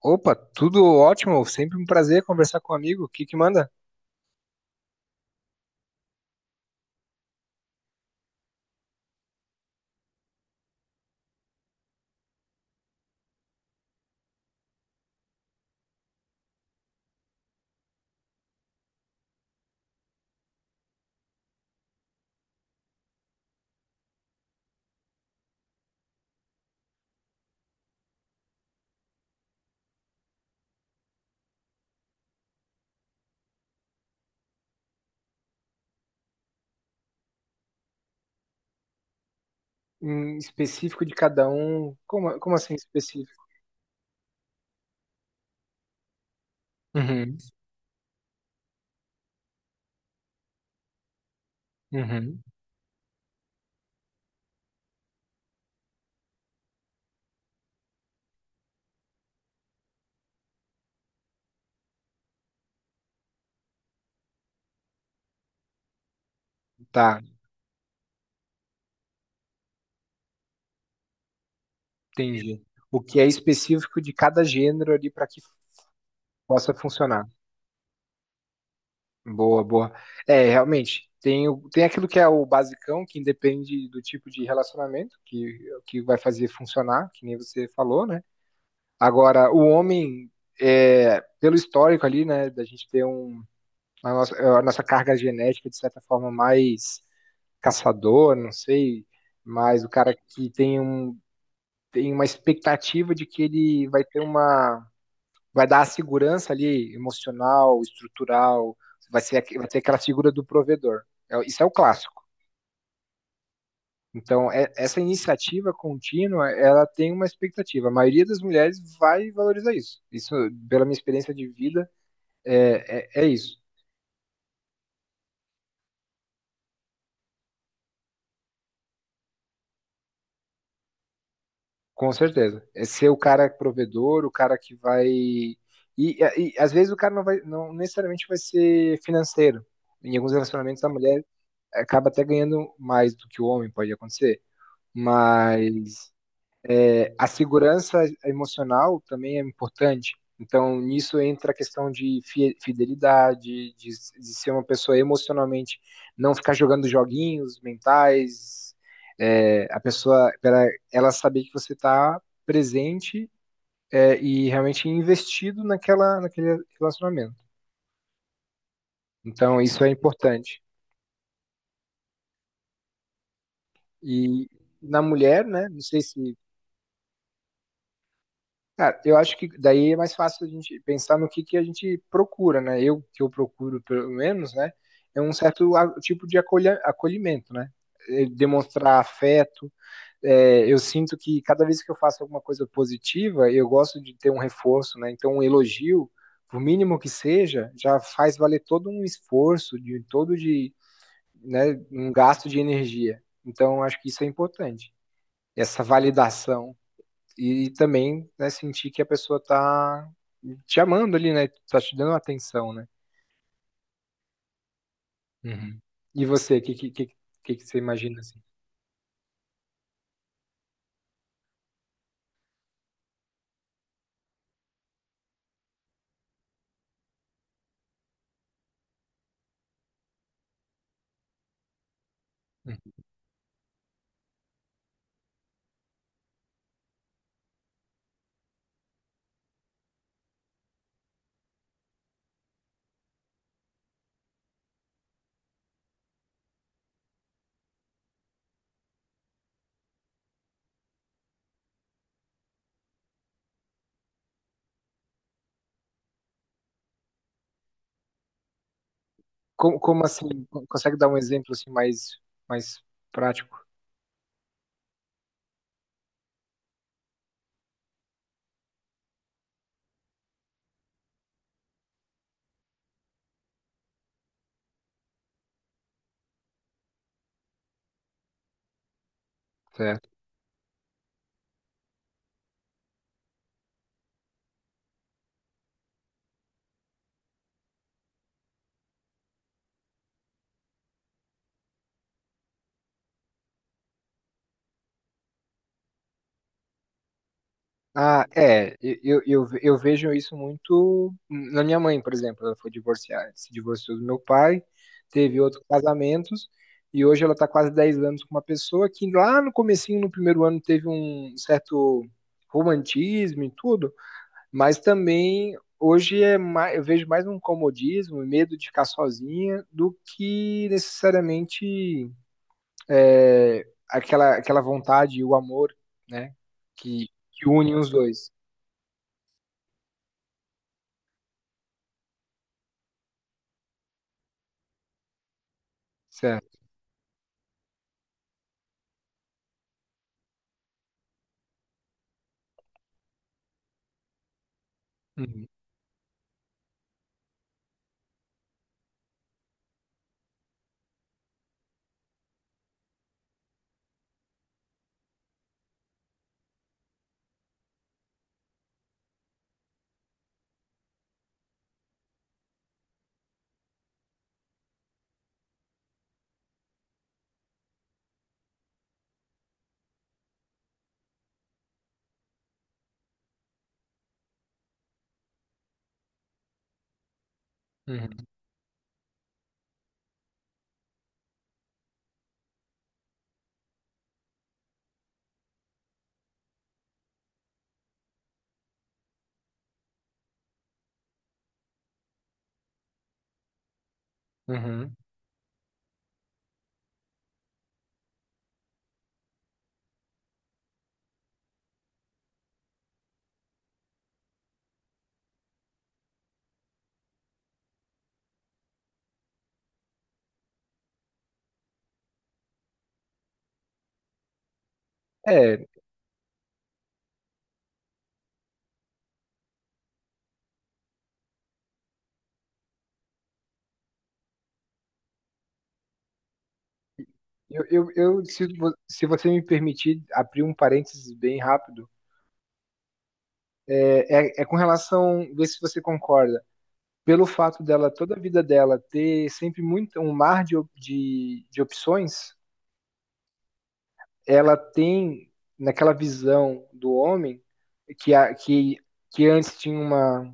Opa, tudo ótimo, sempre um prazer conversar com um amigo. O que que manda? Em específico de cada um. Como assim específico? Uhum, uhum. Tá, entendi. O que é específico de cada gênero ali para que possa funcionar. Boa, boa. É, realmente, tem aquilo que é o basicão, que independe do tipo de relacionamento, que vai fazer funcionar, que nem você falou, né? Agora, o homem, pelo histórico ali, né, da gente ter a nossa carga genética, de certa forma, mais caçador, não sei, mas o cara que tem uma expectativa de que ele vai ter uma. Vai dar a segurança ali emocional, estrutural, vai ter aquela figura do provedor. Isso é o clássico. Então, essa iniciativa contínua, ela tem uma expectativa. A maioria das mulheres vai valorizar isso. Isso, pela minha experiência de vida, é isso. Com certeza. É ser o cara provedor, o cara que vai. E às vezes o cara não vai, não necessariamente vai ser financeiro. Em alguns relacionamentos a mulher acaba até ganhando mais do que o homem, pode acontecer. Mas a segurança emocional também é importante. Então, nisso entra a questão de fidelidade, de ser uma pessoa emocionalmente, não ficar jogando joguinhos mentais, a pessoa, ela saber que você está presente e realmente investido naquele relacionamento. Então, isso é importante. E na mulher, né, não sei se. Cara, eu acho que daí é mais fácil a gente pensar no que a gente procura, né? Que eu procuro, pelo menos, né? É um certo tipo de acolhimento, né? É, demonstrar afeto. É, eu sinto que cada vez que eu faço alguma coisa positiva, eu gosto de ter um reforço, né? Então, um elogio, por mínimo que seja, já faz valer todo um esforço, né, um gasto de energia. Então, eu acho que isso é importante. Essa validação. E também, né, sentir que a pessoa tá te amando ali, né? Tá te dando atenção, né? Uhum. E você, o que que você imagina assim? Uhum. Como assim? Consegue dar um exemplo assim mais prático? Ah, eu vejo isso muito na minha mãe, por exemplo, ela foi divorciada, se divorciou do meu pai, teve outros casamentos, e hoje ela está quase 10 anos com uma pessoa que lá no comecinho, no primeiro ano, teve um certo romantismo e tudo, mas também hoje é mais, eu vejo mais um comodismo, medo de ficar sozinha, do que necessariamente aquela vontade e o amor, né, que une os dois. Certo. Uhum, uhum, uhum. É, eu se, vo- se você me permitir abrir um parênteses bem rápido, é com relação, ver se você concorda, pelo fato dela, toda a vida dela, ter sempre muito um mar de opções, ela tem, naquela visão do homem, que, a, que, que antes tinha uma.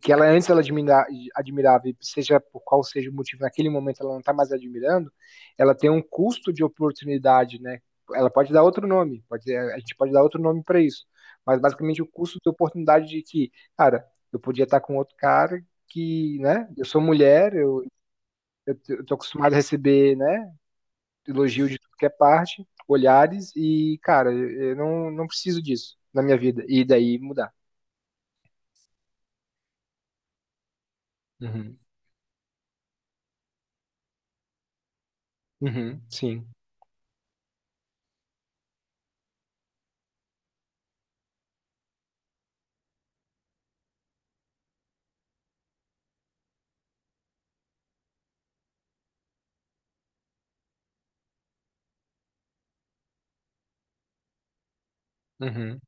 Que ela antes ela admirava, e seja por qual seja o motivo, naquele momento ela não está mais admirando, ela tem um custo de oportunidade, né? Ela pode dar outro nome, pode, a gente pode dar outro nome para isso, mas basicamente o custo de oportunidade de que, cara, eu podia estar com outro cara que, né? Eu sou mulher, eu tô acostumado a receber, né? Elogio de tudo que é parte, olhares e, cara, eu não preciso disso na minha vida e daí mudar. Uhum, uhum, sim, uhum,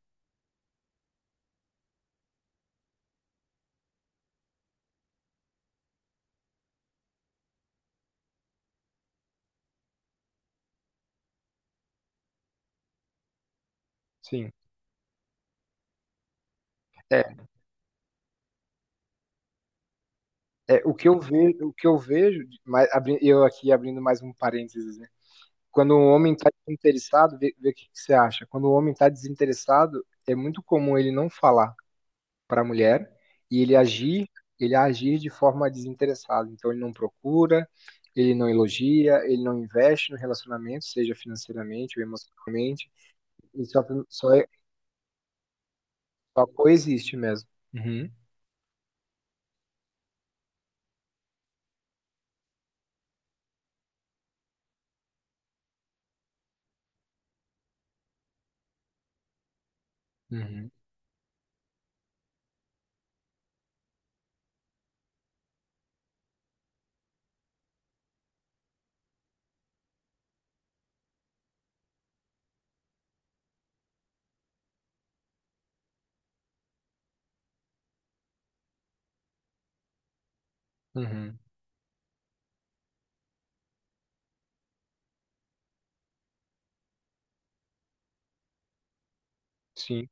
sim. É, é o que eu vejo, o que eu vejo, mas eu aqui abrindo mais um parênteses, né? Quando um homem está desinteressado, vê o que que você acha. Quando o homem está desinteressado, é muito comum ele não falar para a mulher e ele agir de forma desinteressada. Então ele não procura, ele não elogia, ele não investe no relacionamento, seja financeiramente ou emocionalmente. Ele só, é- só coexiste mesmo. Uhum, uhum, uhum, sim,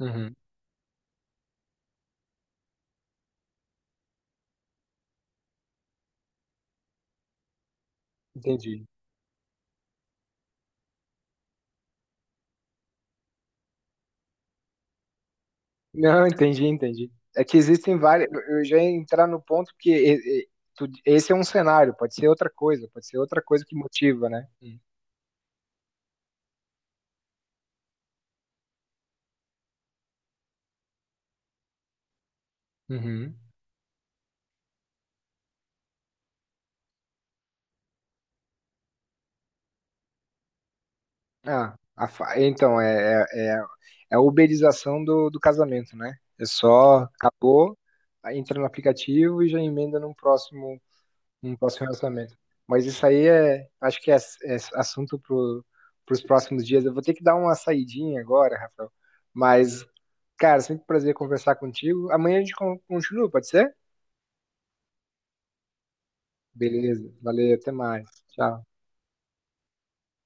uhum, entendi. Não, entendi, entendi. É que existem várias. Eu já ia entrar no ponto que e- tu- Esse é um cenário, pode ser outra coisa, pode ser outra coisa que motiva, né? Uhum. Ah, então, é a uberização do casamento, né? É só, acabou, aí entra no aplicativo e já emenda num próximo relacionamento. Mas isso aí acho que é assunto para os próximos dias. Eu vou ter que dar uma saidinha agora, Rafael. Mas, cara, sempre um prazer conversar contigo. Amanhã a gente continua, pode ser? Beleza, valeu, até mais. Tchau.